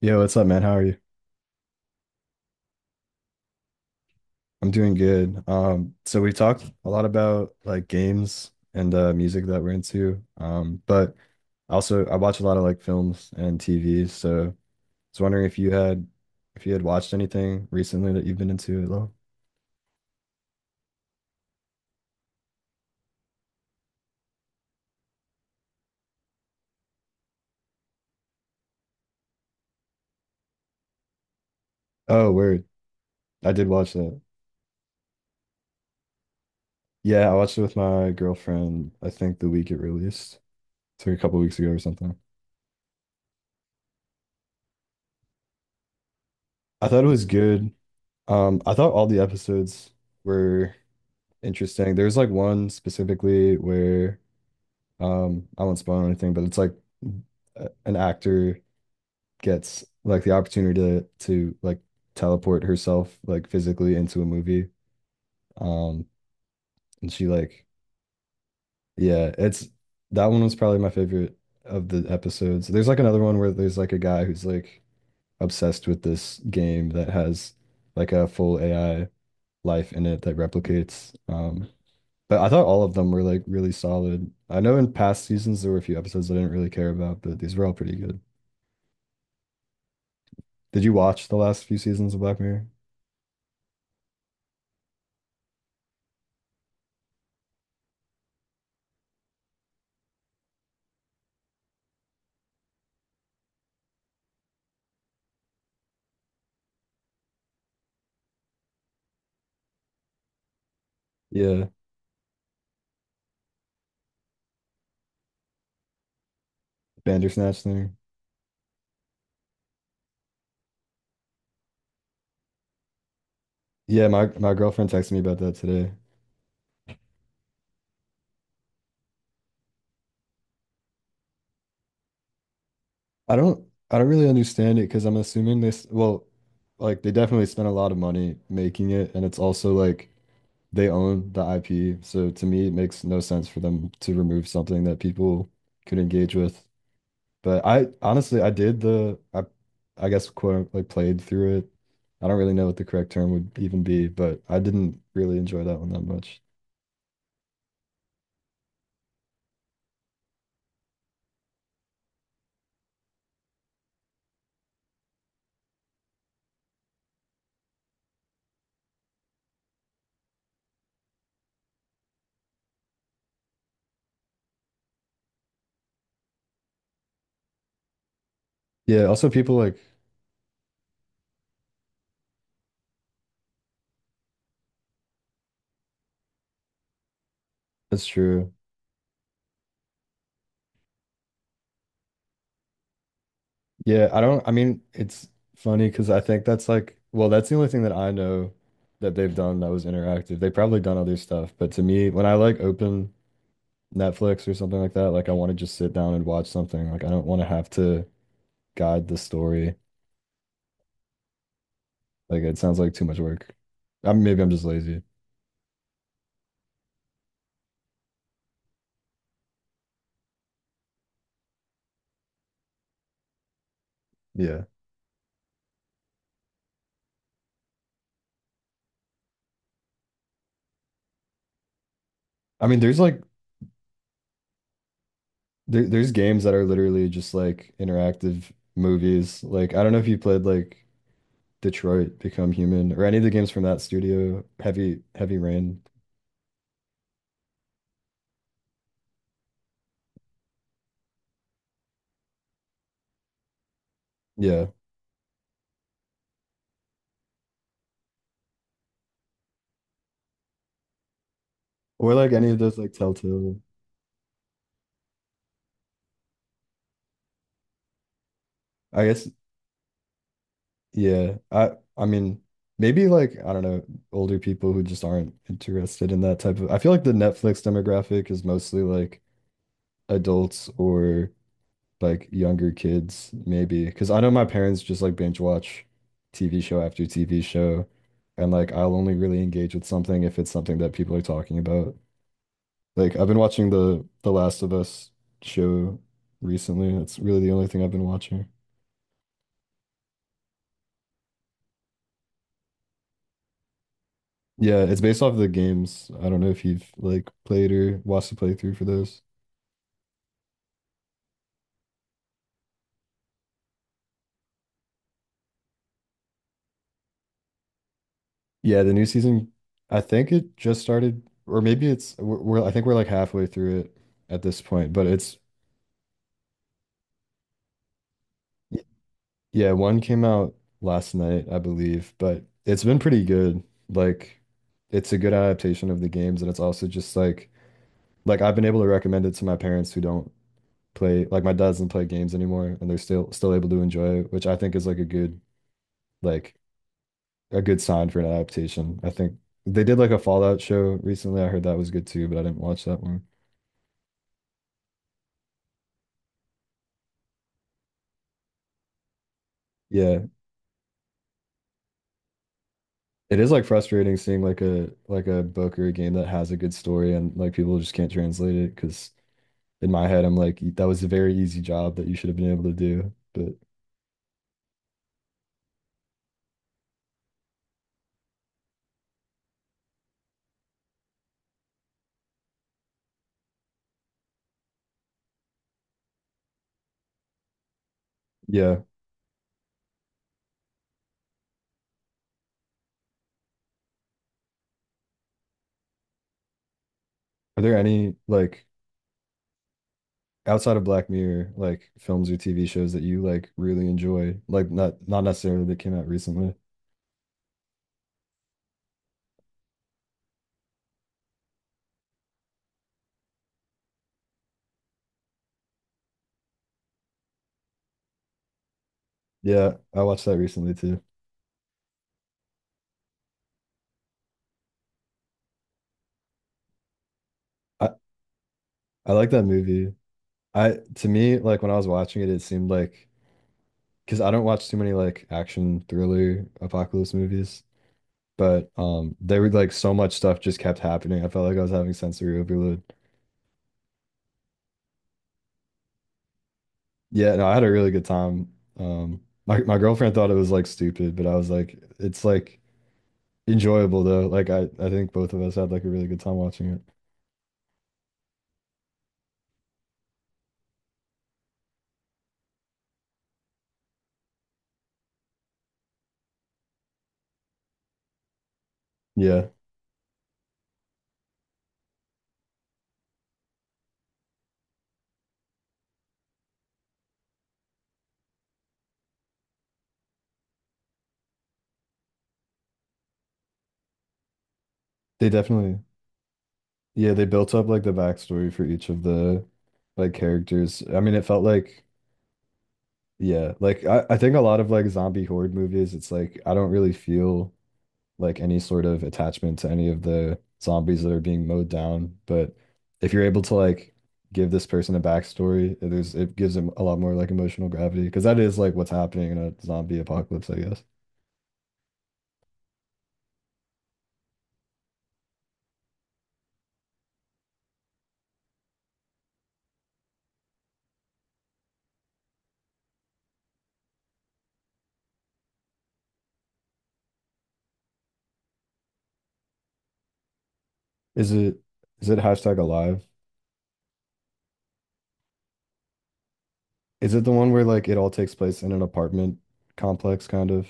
Yo, what's up, man? How are you? I'm doing good. So we talked a lot about like games and music that we're into. But also I watch a lot of like films and TV, so I was wondering if you had watched anything recently that you've been into at all. Oh, word. I did watch that. Yeah, I watched it with my girlfriend, I think the week it released. It's like a couple weeks ago or something. I thought it was good. I thought all the episodes were interesting. There's like one specifically where I won't spoil anything, but it's like an actor gets like the opportunity to like teleport herself like physically into a movie. Um, and she like yeah, it's that one was probably my favorite of the episodes. There's like another one where there's like a guy who's like obsessed with this game that has like a full AI life in it that replicates. But I thought all of them were like really solid. I know in past seasons there were a few episodes I didn't really care about, but these were all pretty good. Did you watch the last few seasons of Black Mirror? Yeah, Bandersnatch thing. Yeah, my girlfriend texted me about that today. I don't really understand it because I'm assuming this, well, like they definitely spent a lot of money making it, and it's also like they own the IP. So to me, it makes no sense for them to remove something that people could engage with. But I honestly, I did the I guess quote unquote, like played through it. I don't really know what the correct term would even be, but I didn't really enjoy that one that much. Yeah, also people like that's true. Yeah, I don't I mean it's funny because I think that's like well, that's the only thing that I know that they've done that was interactive. They've probably done other stuff, but to me, when I like open Netflix or something like that, like I want to just sit down and watch something. Like I don't want to have to guide the story. Like it sounds like too much work. I mean, maybe I'm just lazy. Yeah. I mean, there's like there's games that are literally just like interactive movies. Like I don't know if you played like Detroit Become Human or any of the games from that studio, Heavy Rain. Yeah. Or like any of those like Telltale. I guess yeah. I mean maybe like I don't know, older people who just aren't interested in that type of I feel like the Netflix demographic is mostly like adults or like younger kids maybe because I know my parents just like binge watch TV show after TV show and like I'll only really engage with something if it's something that people are talking about. Like I've been watching the Last of Us show recently. That's really the only thing I've been watching. Yeah, it's based off of the games. I don't know if you've like played or watched the playthrough for those. Yeah, the new season, I think it just started, or maybe it's we're I think we're like halfway through it at this point, but it's y- yeah, one came out last night, I believe, but it's been pretty good. Like it's a good adaptation of the games, and it's also just like I've been able to recommend it to my parents who don't play like my dad doesn't play games anymore and they're still able to enjoy it, which I think is like a good sign for an adaptation. I think they did like a Fallout show recently. I heard that was good too, but I didn't watch that one. Yeah. It is like frustrating seeing like a book or a game that has a good story and like people just can't translate it because in my head I'm like that was a very easy job that you should have been able to do. But yeah. Are there any like outside of Black Mirror, like films or TV shows that you like really enjoy, like not necessarily that came out recently. Yeah, I watched that recently too. I I like that movie. I To me, like when I was watching it, it seemed like because I don't watch too many like action thriller apocalypse movies, but they were like so much stuff just kept happening. I felt like I was having sensory overload. Yeah, no, I had a really good time. My girlfriend thought it was like stupid, but I was like, it's like enjoyable though. Like I think both of us had like a really good time watching it. Yeah, they definitely, yeah, they built up like the backstory for each of the like characters. I mean, it felt like, yeah, like I think a lot of like zombie horde movies, it's like I don't really feel like any sort of attachment to any of the zombies that are being mowed down. But if you're able to like give this person a backstory, it gives them a lot more like emotional gravity because that is like what's happening in a zombie apocalypse, I guess. Is it is it hashtag alive? Is it the one where like it all takes place in an apartment complex kind of?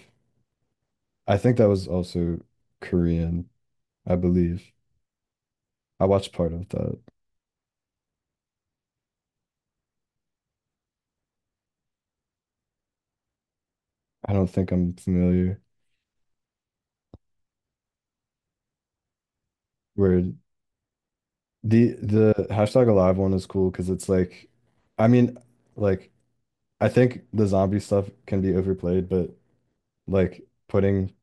I think that was also Korean, I believe. I watched part of that. I don't think I'm familiar. Where the hashtag alive one is cool because it's like I mean, like I think the zombie stuff can be overplayed, but like putting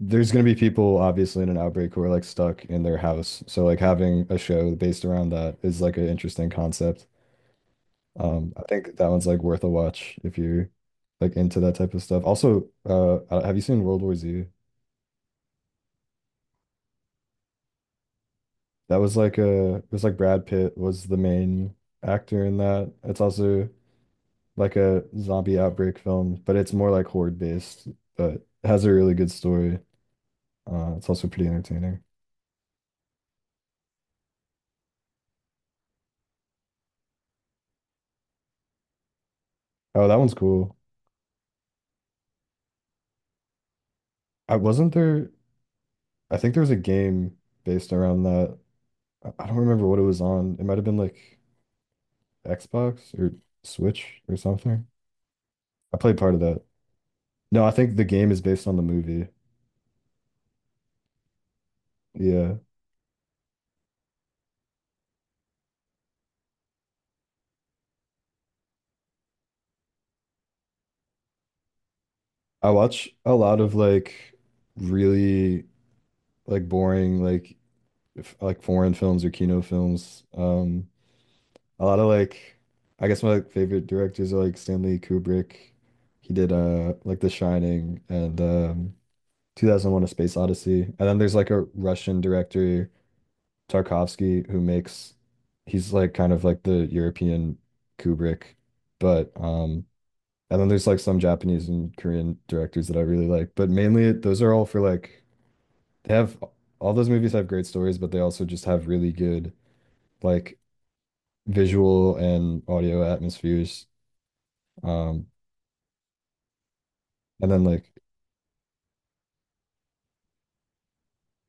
there's gonna be people obviously in an outbreak who are like stuck in their house. So like having a show based around that is like an interesting concept. I think that one's like worth a watch if you're like into that type of stuff. Also, have you seen World War Z? That was like a it was like Brad Pitt was the main actor in that. It's also like a zombie outbreak film, but it's more like horde based, but it has a really good story. It's also pretty entertaining. Oh, that one's cool. I wasn't there. I think there was a game based around that. I don't remember what it was on. It might have been like Xbox or Switch or something. I played part of that. No, I think the game is based on the movie. Yeah. I watch a lot of like really like boring like f like foreign films or Kino films. A lot of like I guess favorite directors are like Stanley Kubrick. He did like The Shining and 2001: A Space Odyssey. And then there's like a Russian director Tarkovsky who makes he's like kind of like the European Kubrick, but and then there's like some Japanese and Korean directors that I really like, but those are all for like they have all those movies have great stories, but they also just have really good like visual and audio atmospheres. Um, and then like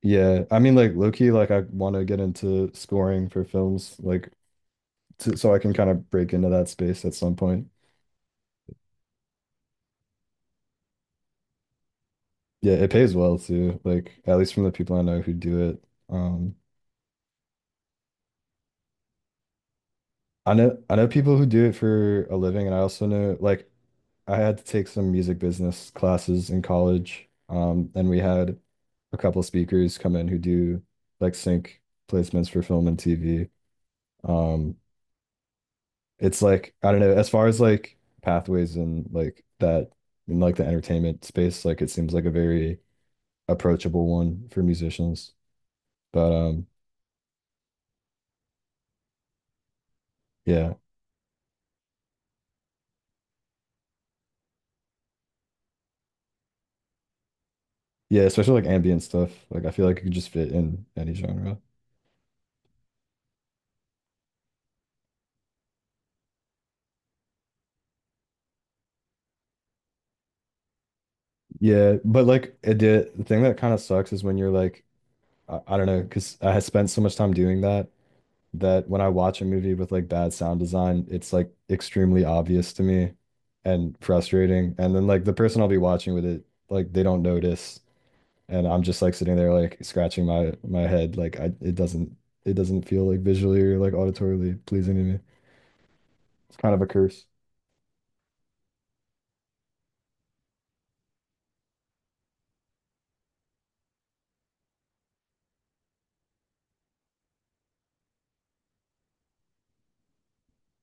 yeah, I mean like low-key like I want to get into scoring for films like so I can kind of break into that space at some point. Yeah, it pays well too, like at least from the people I know who do it. Um, I know people who do it for a living, and I also know like I had to take some music business classes in college. And we had a couple speakers come in who do like sync placements for film and TV. Um, it's like I don't know, as far as like pathways and like that in like the entertainment space, like it seems like a very approachable one for musicians. But yeah. Yeah, especially like ambient stuff. Like I feel like it could just fit in any genre. Yeah, but like it did the thing that kind of sucks is when you're like I don't know, because I spent so much time doing that when I watch a movie with like bad sound design, it's like extremely obvious to me and frustrating. And then like the person I'll be watching with it, like they don't notice, and I'm just like sitting there like scratching my head, like I it doesn't feel like visually or like auditorily pleasing to me. It's kind of a curse.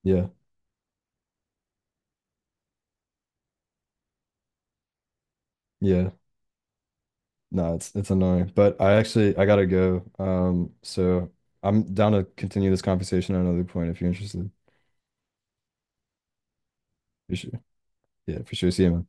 Yeah, yeah. No, it's annoying. But I actually I gotta go. So I'm down to continue this conversation at another point if you're interested. You should. Yeah, for sure. See you, man.